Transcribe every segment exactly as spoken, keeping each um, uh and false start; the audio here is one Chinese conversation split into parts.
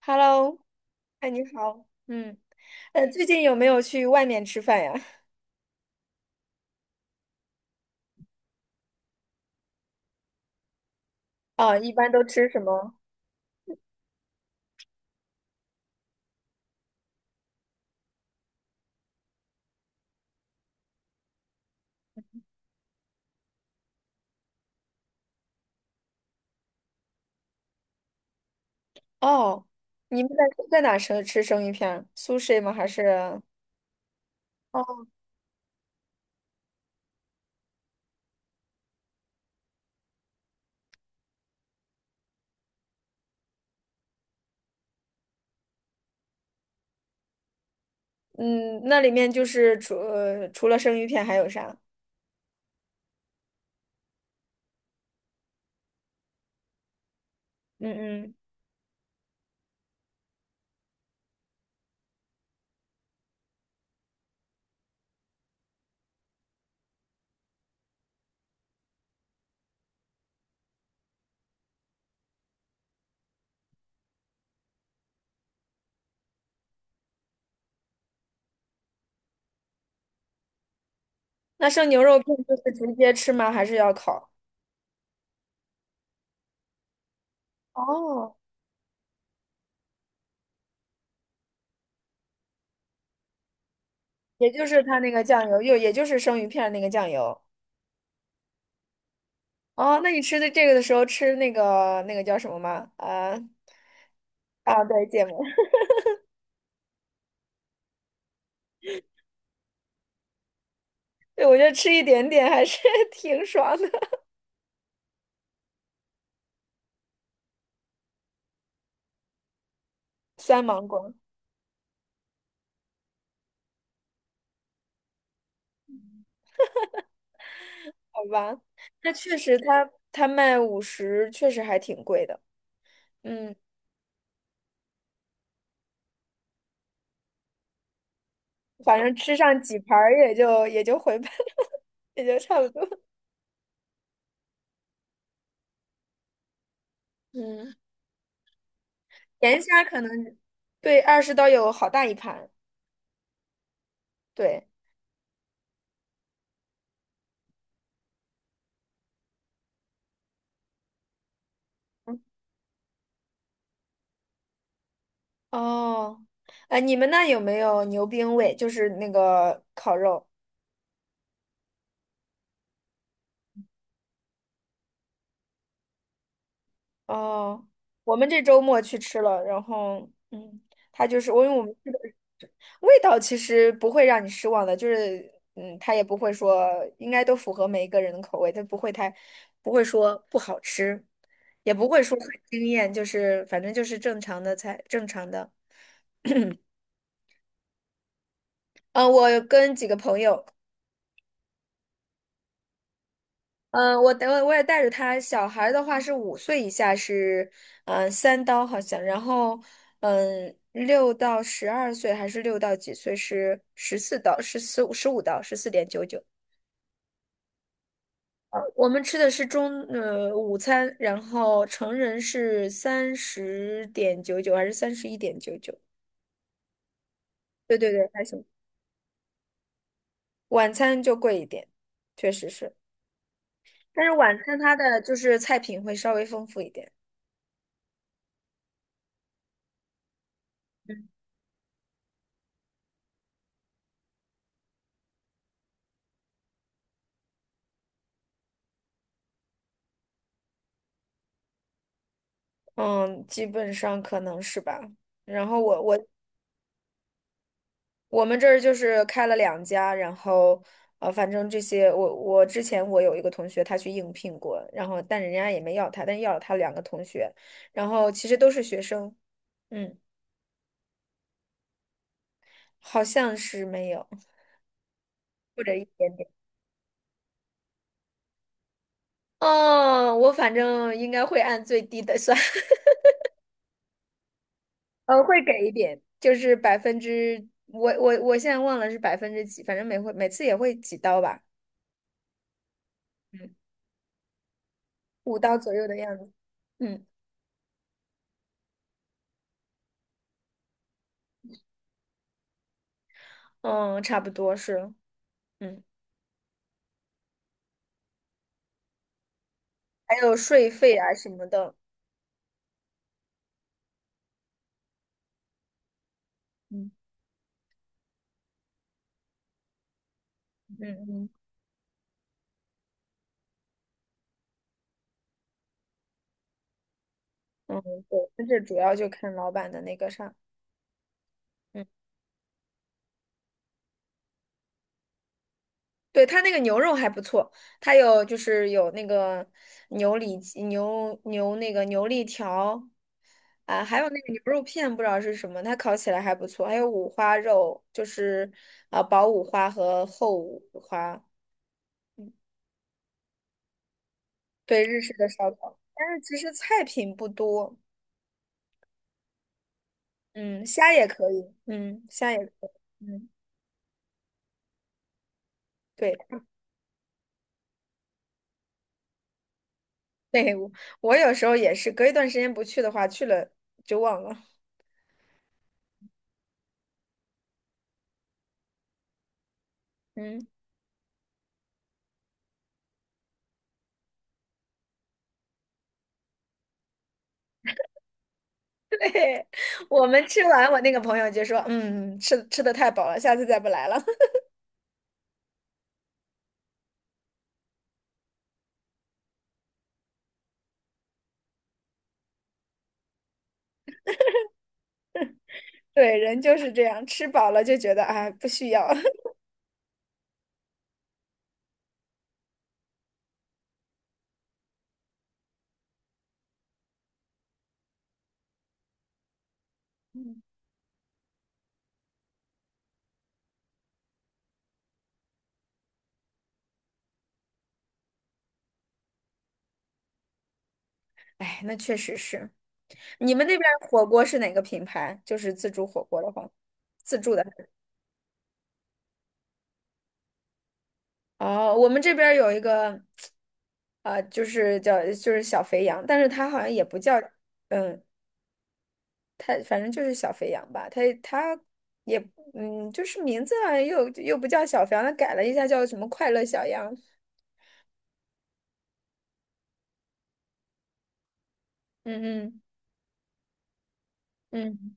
Hello，哎，你好，嗯，呃，最近有没有去外面吃饭呀？啊，一般都吃什么？哦，你们在在哪吃吃生鱼片儿？Sushi 吗？还是？哦，嗯，那里面就是除呃除了生鱼片还有啥？嗯嗯，那生牛肉片就是直接吃吗？还是要烤？哦，也就是它那个酱油，又也就是生鱼片那个酱油。哦，那你吃的这个的时候吃那个那个叫什么吗？啊。啊，对，芥末。对，我觉得吃一点点还是 挺爽的。酸芒果，好吧，那确实它它卖五十，确实还挺贵的。嗯，反正吃上几盘儿也就也就回本，也就差不多。嗯，盐虾可能对二十刀有好大一盘，对。哦，哎，你们那有没有牛冰味？就是那个烤肉。哦，我们这周末去吃了，然后嗯，它就是我因为我们吃的味道其实不会让你失望的，就是嗯，它也不会说，应该都符合每一个人的口味，它不会太不会说不好吃，也不会说很惊艳，就是反正就是正常的菜，正常的。嗯，我跟几个朋友。嗯，我等我也带着他。小孩儿的话是五岁以下是，嗯，三刀好像，然后，嗯，六到十二岁还是六到几岁是十四刀，十四十五刀，十四点九九。呃我们吃的是中呃午餐，然后成人是三十点九九还是三十一点九九？对对对，还行。晚餐就贵一点，确实是，但是晚餐它的就是菜品会稍微丰富一点。嗯，基本上可能是吧。然后我我我们这儿就是开了两家，然后呃，反正这些我我之前我有一个同学他去应聘过，然后但人家也没要他，但要了他两个同学，然后其实都是学生。嗯，好像是没有或者一点点。哦，我反正应该会按最低的算。呃，会给一点，就是百分之我我我现在忘了是百分之几，反正每回每次也会几刀吧。嗯，五刀左右的样子。嗯，嗯，差不多是，嗯，还有税费啊什么的。嗯嗯嗯，嗯，对，但是主要就看老板的那个啥。嗯，对，他那个牛肉还不错，他有就是有那个牛里脊牛牛那个牛肋条，啊，还有那个牛肉片，不知道是什么，它烤起来还不错。还有五花肉，就是啊薄五花和厚五花，对，日式的烧烤。但是其实菜品不多，嗯，虾也可以，嗯，虾也可以，嗯，对对，我我有时候也是隔一段时间不去的话，去了就忘了。嗯，对，我们吃完，我那个朋友就说，嗯，吃吃的太饱了，下次再不来了。对，人就是这样，吃饱了就觉得啊不需要。哎，那确实是。你们那边儿火锅是哪个品牌？就是自助火锅的话，自助的。哦，我们这边儿有一个，啊，就是叫就是小肥羊，但是它好像也不叫。嗯，他反正就是小肥羊吧，他他也嗯，就是名字好像又又不叫小肥羊，他改了一下叫什么快乐小羊。嗯嗯嗯，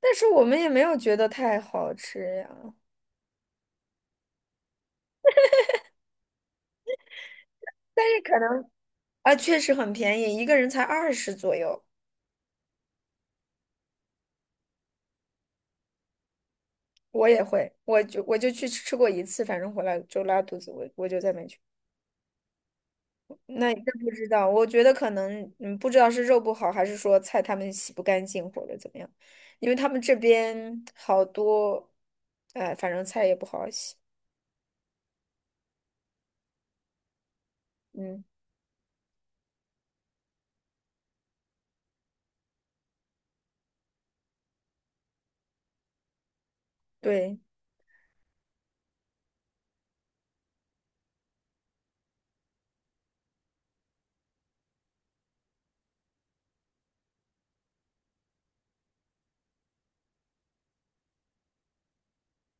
但是我们也没有觉得太好吃呀。但是可能啊，确实很便宜，一个人才二十左右，我也会，我就我就去吃过一次，反正回来就拉肚子，我我就再没去。那也真不知道，我觉得可能嗯，不知道是肉不好，还是说菜他们洗不干净或者怎么样，因为他们这边好多，哎，反正菜也不好洗。嗯，对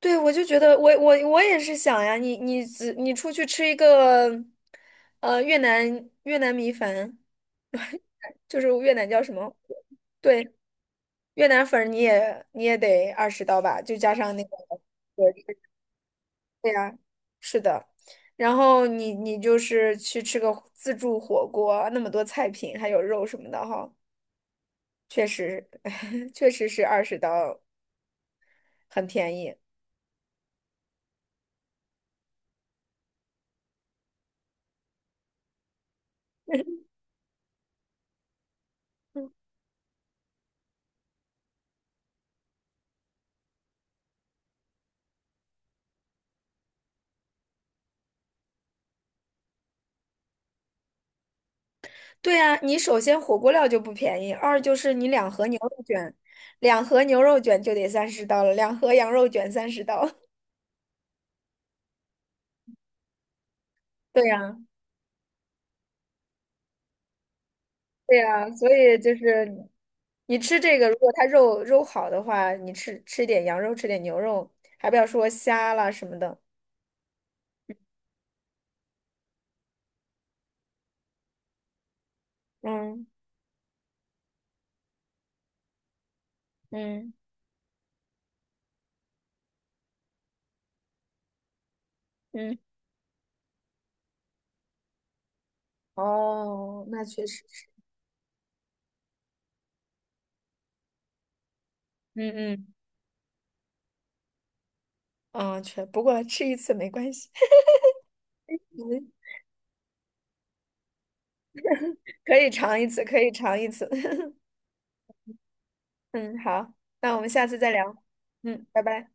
对，我就觉得我我我也是想呀，你你只你出去吃一个，呃，越南越南米粉，就是越南叫什么？对，越南粉儿你也你也得二十刀吧，就加上那个。对呀，是的。然后你你就是去吃个自助火锅，那么多菜品，还有肉什么的哈，确实，确实是二十刀，很便宜。嗯，对呀，你首先火锅料就不便宜，二就是你两盒牛肉卷，两盒牛肉卷就得三十刀了，两盒羊肉卷三十刀。对呀，对呀，所以就是你吃这个，如果它肉肉好的话，你吃吃点羊肉，吃点牛肉，还不要说虾啦什么的。嗯。嗯嗯，哦，那确实是。嗯嗯，嗯，确，不过吃一次没关系。嗯，可以尝一次，可以尝一次。嗯，好，那我们下次再聊。嗯，拜拜。